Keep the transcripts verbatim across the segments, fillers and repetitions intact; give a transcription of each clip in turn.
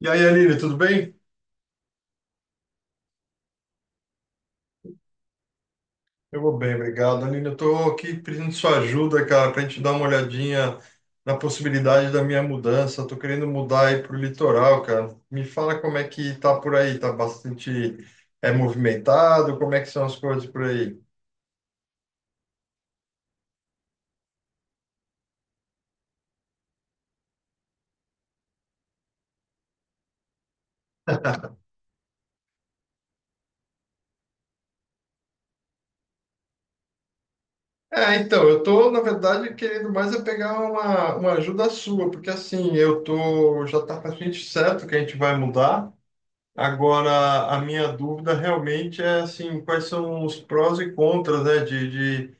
E aí, Aline, tudo bem? Eu vou bem, obrigado. Aline, eu tô aqui pedindo sua ajuda, cara, para a gente dar uma olhadinha na possibilidade da minha mudança. Eu tô querendo mudar aí pro litoral, cara. Me fala como é que tá por aí, tá bastante é movimentado, como é que são as coisas por aí? É, então, eu tô, na verdade, querendo mais é pegar uma, uma ajuda sua, porque assim, eu tô, já tá praticamente certo que a gente vai mudar. Agora, a minha dúvida realmente é assim, quais são os prós e contras, né, de, de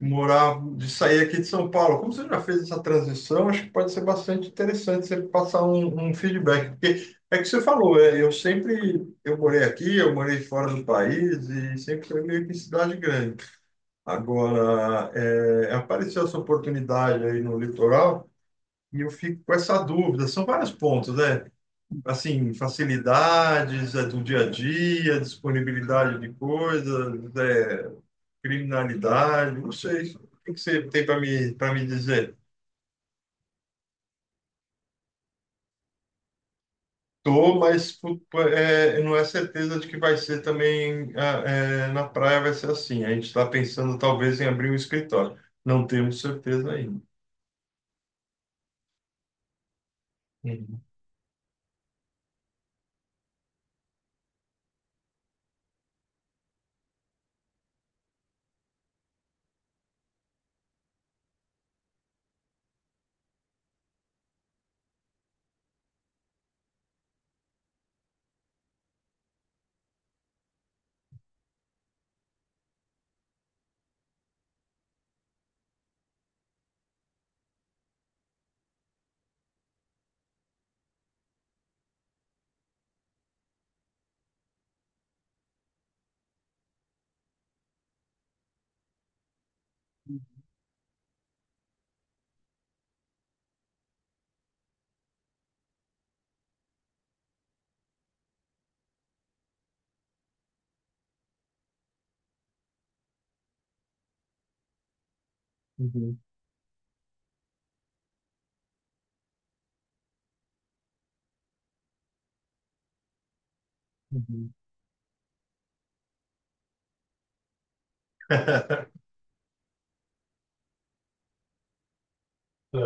morar, de sair aqui de São Paulo. Como você já fez essa transição, acho que pode ser bastante interessante você passar um, um feedback, porque é que você falou, é, eu sempre, eu morei aqui, eu morei fora do país e sempre foi meio que em cidade grande. Agora, é, apareceu essa oportunidade aí no litoral e eu fico com essa dúvida. São vários pontos, né? Assim, facilidades, é, do dia a dia, disponibilidade de coisas, é, criminalidade, não sei. O que você tem para me, para me, dizer? Tô, mas pu- pu- é, não é certeza de que vai ser também ah, é, na praia, vai ser assim. A gente está pensando talvez em abrir um escritório. Não temos certeza ainda. Uhum, uhum, uhum.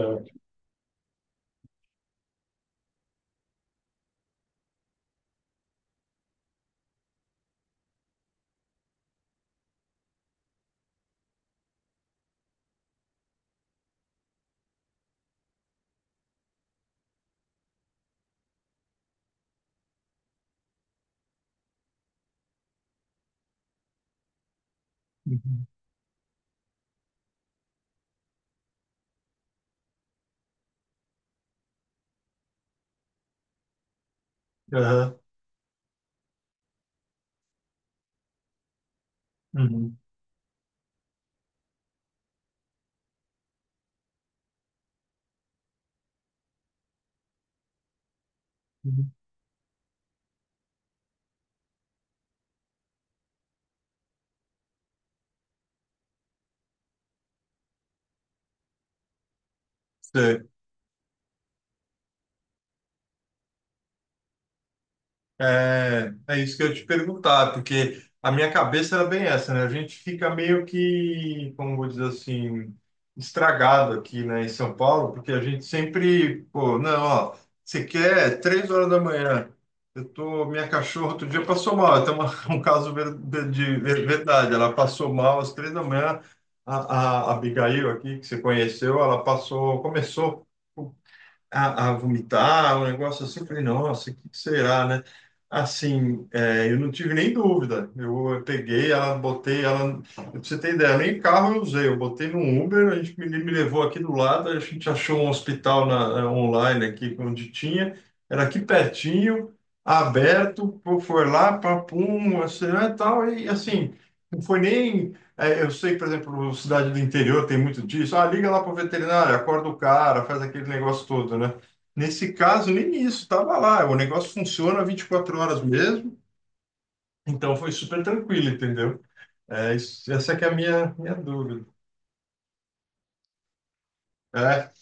É, uhum, aham, uhum, uhum. Sei. É, é isso que eu ia te perguntar, porque a minha cabeça era bem essa, né? A gente fica meio que, como vou dizer assim, estragado aqui, né, em São Paulo, porque a gente sempre, pô, não, ó, você quer três horas da manhã, eu tô, minha cachorra outro dia passou mal, até uma, um caso ver- de, de ver- verdade, ela passou mal às três da manhã, a, a, a Abigail aqui, que você conheceu, ela passou, começou a, a vomitar, um negócio assim. Eu falei, nossa, o que que será, né? Assim, é, eu não tive nem dúvida. Eu peguei ela, botei ela. Pra você ter ideia, nem carro eu usei. Eu botei num Uber, a gente me, me, levou aqui do lado, a gente achou um hospital na, eh, online aqui, onde tinha. Era aqui pertinho, aberto, pô, foi lá, papum, assim, né, tal. E assim, não foi nem é, eu sei, por exemplo, cidade do interior tem muito disso. Ah, liga lá para o veterinário, acorda o cara, faz aquele negócio todo, né? Nesse caso, nem isso, tava lá. O negócio funciona vinte e quatro horas mesmo, então foi super tranquilo, entendeu? É, isso- essa que é a minha, minha, dúvida. É.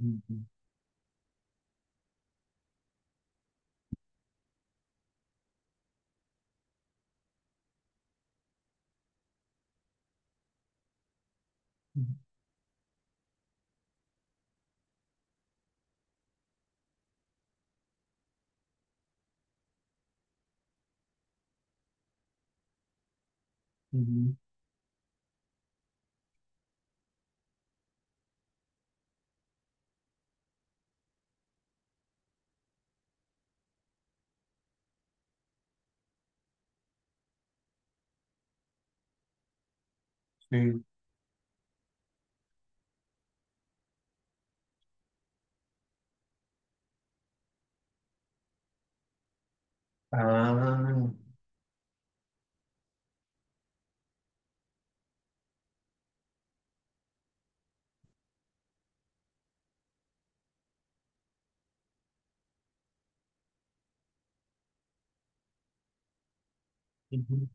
Uhum, uhum. Sim. Ah. Uhum.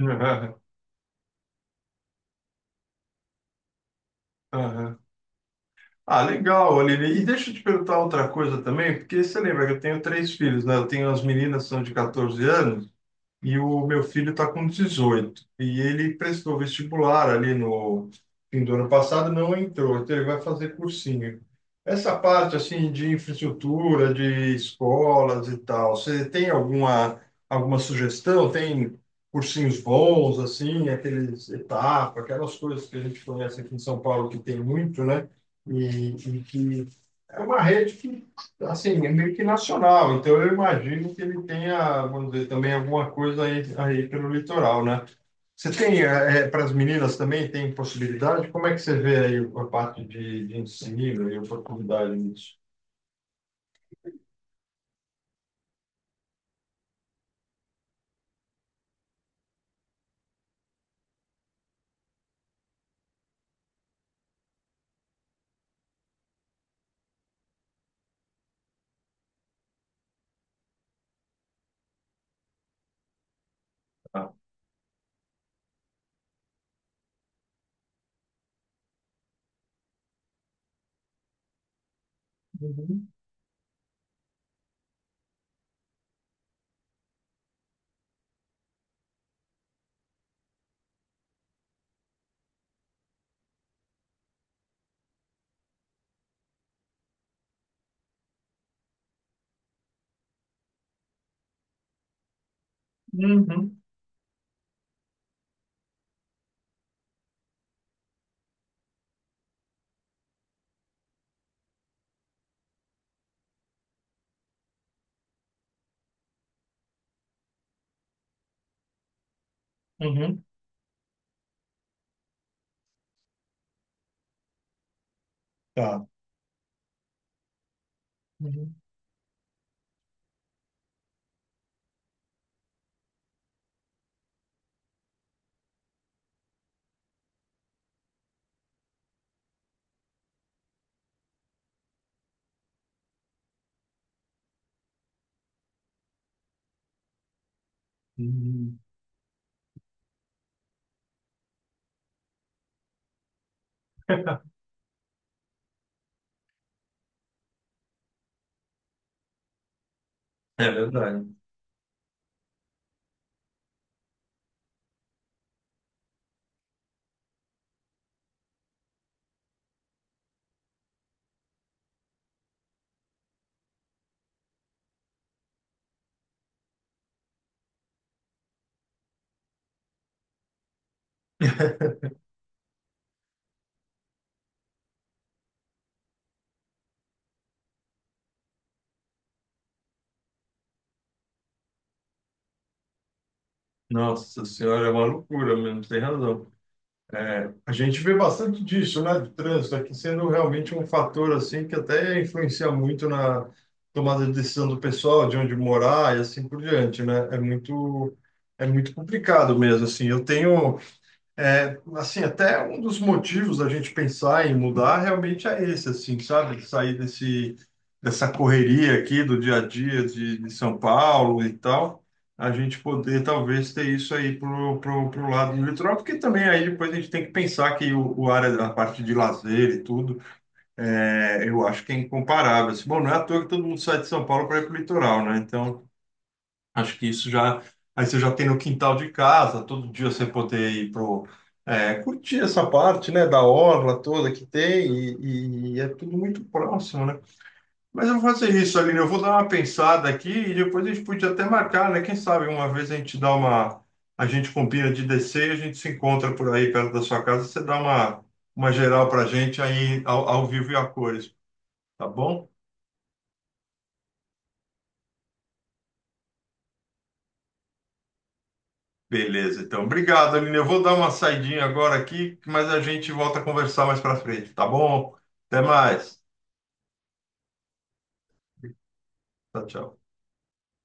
Aham, aham. Ah, legal, Olivia. E deixa eu te perguntar outra coisa também, porque você lembra que eu tenho três filhos, né? Eu tenho as meninas que são de quatorze anos. E o meu filho está com dezoito. E ele prestou vestibular ali no fim do ano passado, não entrou. Então ele vai fazer cursinho. Essa parte assim de infraestrutura, de escolas e tal, você tem alguma alguma sugestão? Tem cursinhos bons assim, aqueles etapa, aquelas coisas que a gente conhece aqui em São Paulo que tem muito, né? E, e que é uma rede que Assim, é meio que nacional, então eu imagino que ele tenha, vamos dizer, também alguma coisa aí, aí pelo litoral, né? Você tem, para as meninas também, tem possibilidade? Como é que você vê aí a parte de, de ensino e oportunidade nisso? Tá. Uhum, uhum, uhum, tá. Uhum. Uhum. É verdade. Nossa senhora, é uma loucura mesmo, tem razão. É, a gente vê bastante disso, né, do trânsito aqui sendo realmente um fator assim que até influencia muito na tomada de decisão do pessoal, de onde morar e assim por diante, né? É muito é muito complicado mesmo assim. Eu tenho é, assim, até um dos motivos da gente pensar em mudar realmente é esse, assim, sabe? De sair desse, dessa correria aqui do dia a dia de, de São Paulo e tal, a gente poder talvez ter isso aí pro, pro, pro lado do litoral, porque também aí depois a gente tem que pensar que o, o área, a parte de lazer e tudo, é, eu acho que é incomparável. Assim, bom, não é à toa que todo mundo sai de São Paulo para ir pro litoral, né? Então, acho que isso já. Aí você já tem no quintal de casa, todo dia você poder ir pro, é, curtir essa parte, né, da orla toda que tem, e, e é tudo muito próximo, né? Mas eu vou fazer isso, Aline, eu vou dar uma pensada aqui e depois a gente podia até marcar, né? Quem sabe uma vez a gente dá uma. A gente combina de descer, a gente se encontra por aí perto da sua casa, você dá uma, uma geral pra gente aí ao, ao vivo e a cores, tá bom? Beleza, então. Obrigado, Aline. Eu vou dar uma saidinha agora aqui, mas a gente volta a conversar mais para frente, tá bom? Até mais. Tchau, tchau.